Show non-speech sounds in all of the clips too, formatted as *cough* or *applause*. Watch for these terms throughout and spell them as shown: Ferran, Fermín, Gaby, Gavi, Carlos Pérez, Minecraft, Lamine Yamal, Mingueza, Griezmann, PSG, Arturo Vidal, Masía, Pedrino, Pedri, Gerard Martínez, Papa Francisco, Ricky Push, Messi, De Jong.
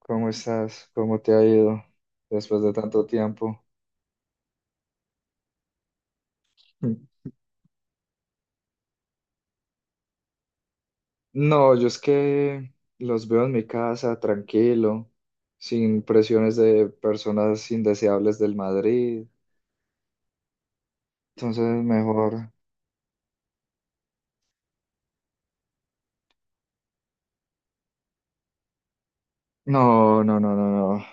¿Cómo estás? ¿Cómo te ha ido después de tanto tiempo? Mm. No, yo es que los veo en mi casa tranquilo, sin presiones de personas indeseables del Madrid. Entonces, mejor. No, no, no, no, no.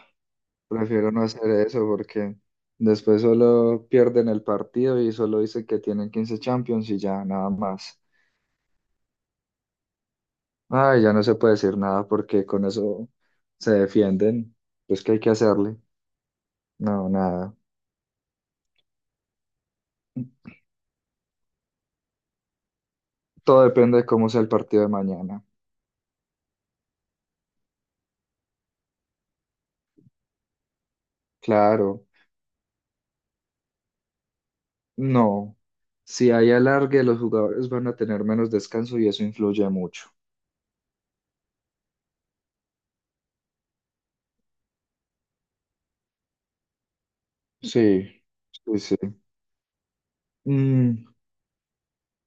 Prefiero no hacer eso porque después solo pierden el partido y solo dicen que tienen 15 Champions y ya, nada más. Ay, ya no se puede decir nada porque con eso se defienden. Pues, ¿qué hay que hacerle? No, nada. Todo depende de cómo sea el partido de mañana. Claro, no. Si hay alargue, los jugadores van a tener menos descanso y eso influye mucho. Sí, sí, sí. Mm,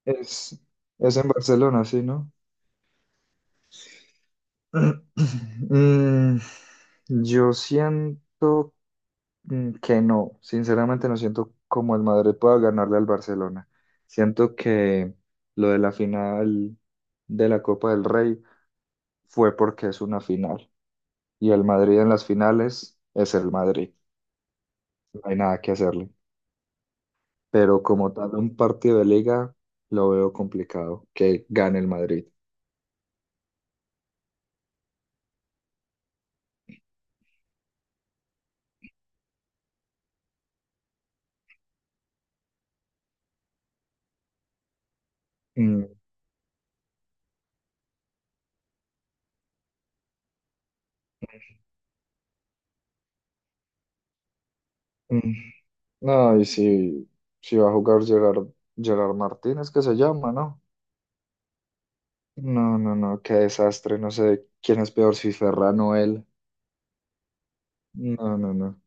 es, es en Barcelona, sí, ¿no? *clears throat* Mm, yo siento que no. Sinceramente no siento como el Madrid pueda ganarle al Barcelona. Siento que lo de la final de la Copa del Rey fue porque es una final y el Madrid en las finales es el Madrid. No hay nada que hacerle. Pero como tal, un partido de liga lo veo complicado que gane el Madrid. Mm, mm. No, y si, si va a jugar Gerard, Gerard Martínez, que se llama, ¿no? No, no, no, qué desastre. No sé quién es peor, si Ferran o él. No, no, no.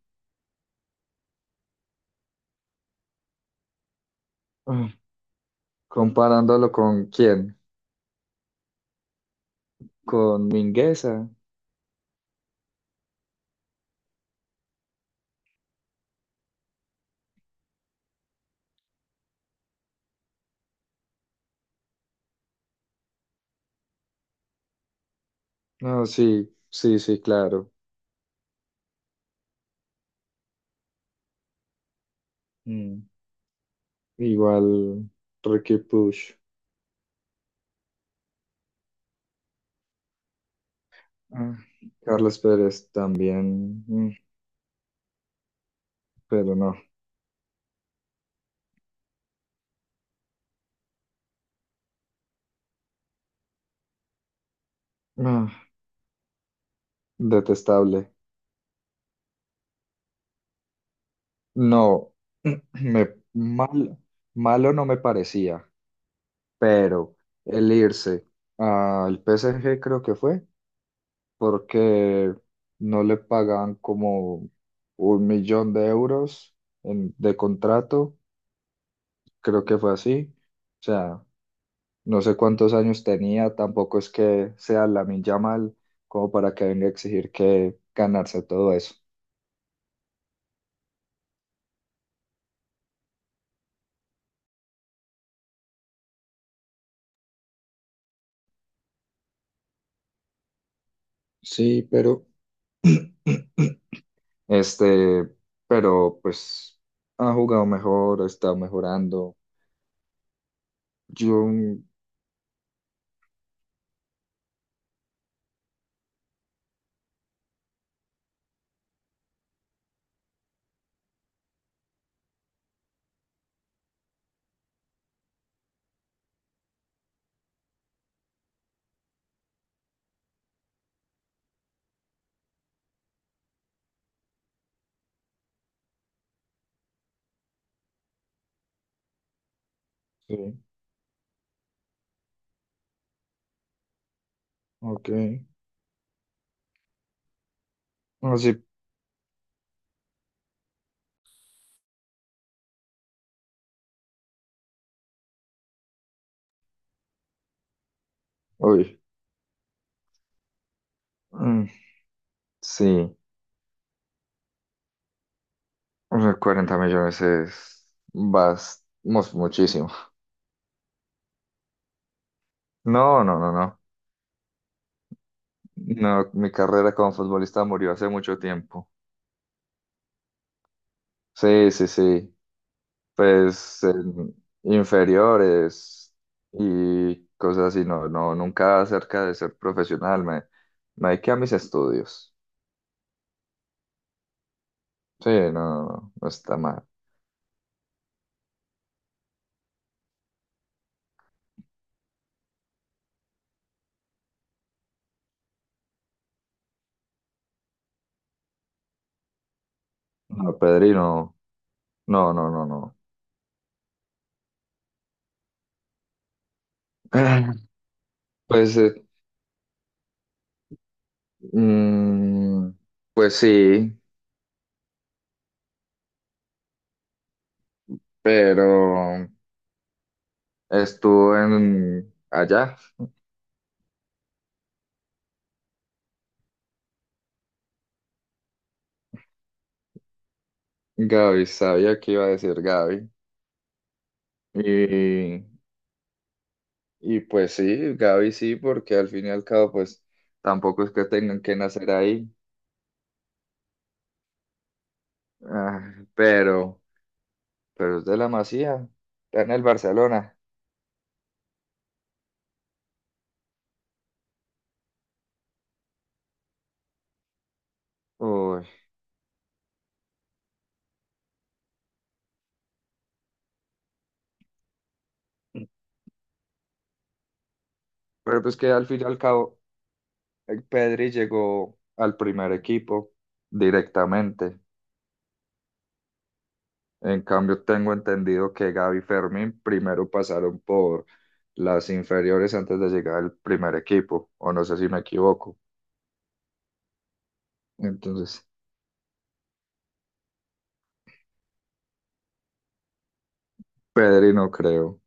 Ah, comparándolo con quién, con Mingueza. No, sí, sí, sí, claro. Mm. Igual Ricky Push. Ah, Carlos Pérez también, pero no. Ah, detestable. No, *clears throat* mal, malo no me parecía, pero el irse al PSG creo que fue porque no le pagaban como un millón de euros de contrato, creo que fue así. O sea, no sé cuántos años tenía, tampoco es que sea Lamine Yamal como para que venga a exigir que ganarse todo eso. Sí, pero *clears throat* Este, pero pues ha jugado mejor, está mejorando. Yo, mm, sí, ok. Así, uy, mm, sí, o sea, 40 millones es bastante, muchísimo. No, no, no, no. No, mi carrera como futbolista murió hace mucho tiempo. Sí, sí, sí. Pues en inferiores y cosas así, no, no, nunca acerca de ser profesional, me dediqué a mis estudios. Sí, no, no está mal. No, Pedrino, no, no, no, no. *clears throat* *laughs* Pues, eh, mm, pues sí, pero estuve en allá. Gaby, sabía que iba a decir Gaby. Y Y pues sí, Gaby sí, porque al fin y al cabo, pues tampoco es que tengan que nacer ahí. Ah, pero es de la Masía, está en el Barcelona. Uy, pero pues que al fin y al cabo, Pedri llegó al primer equipo directamente. En cambio, tengo entendido que Gaby y Fermín primero pasaron por las inferiores antes de llegar al primer equipo, o no sé si me equivoco. Entonces, Pedri no creo,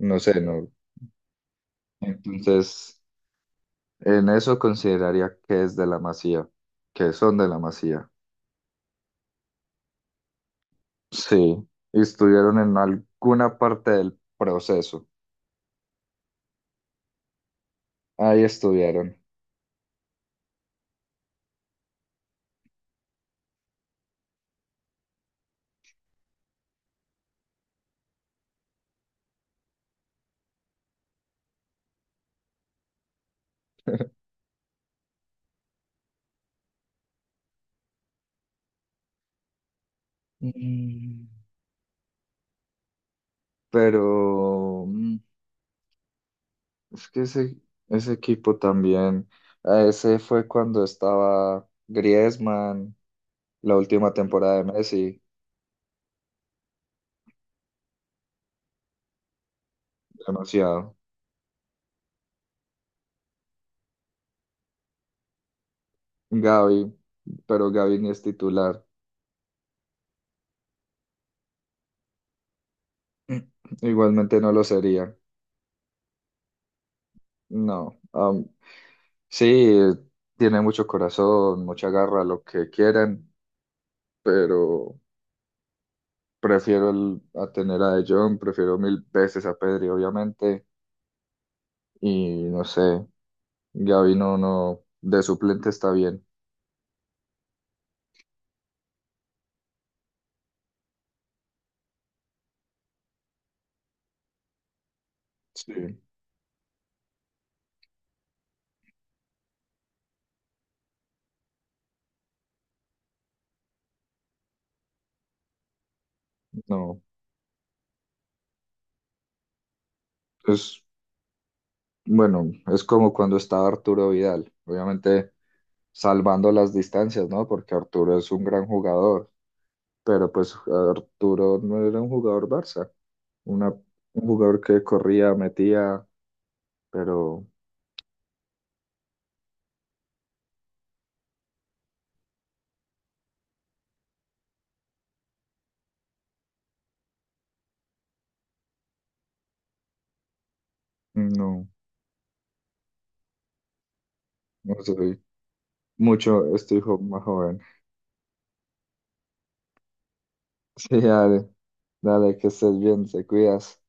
no sé, no. Entonces, en eso consideraría que es de la Masía, que son de la Masía. Sí, y estuvieron en alguna parte del proceso. Ahí estuvieron. Mm. Pero es que ese, ese equipo también, a ese fue cuando estaba Griezmann, la última temporada de Messi, demasiado. Gavi, pero Gavi ni es titular. *clears throat* Igualmente no lo sería. No, sí, tiene mucho corazón, mucha garra, lo que quieran, pero prefiero a tener a De Jong, prefiero mil veces a Pedri, obviamente, y no sé, Gavi no, no, de suplente está bien, sí, no, es, bueno, es como cuando estaba Arturo Vidal, obviamente salvando las distancias, ¿no? Porque Arturo es un gran jugador, pero pues Arturo no era un jugador Barça, un jugador que corría, metía, pero... No, no soy mucho, estoy más joven. *laughs* Sí, dale, dale, que estés bien, te cuidas.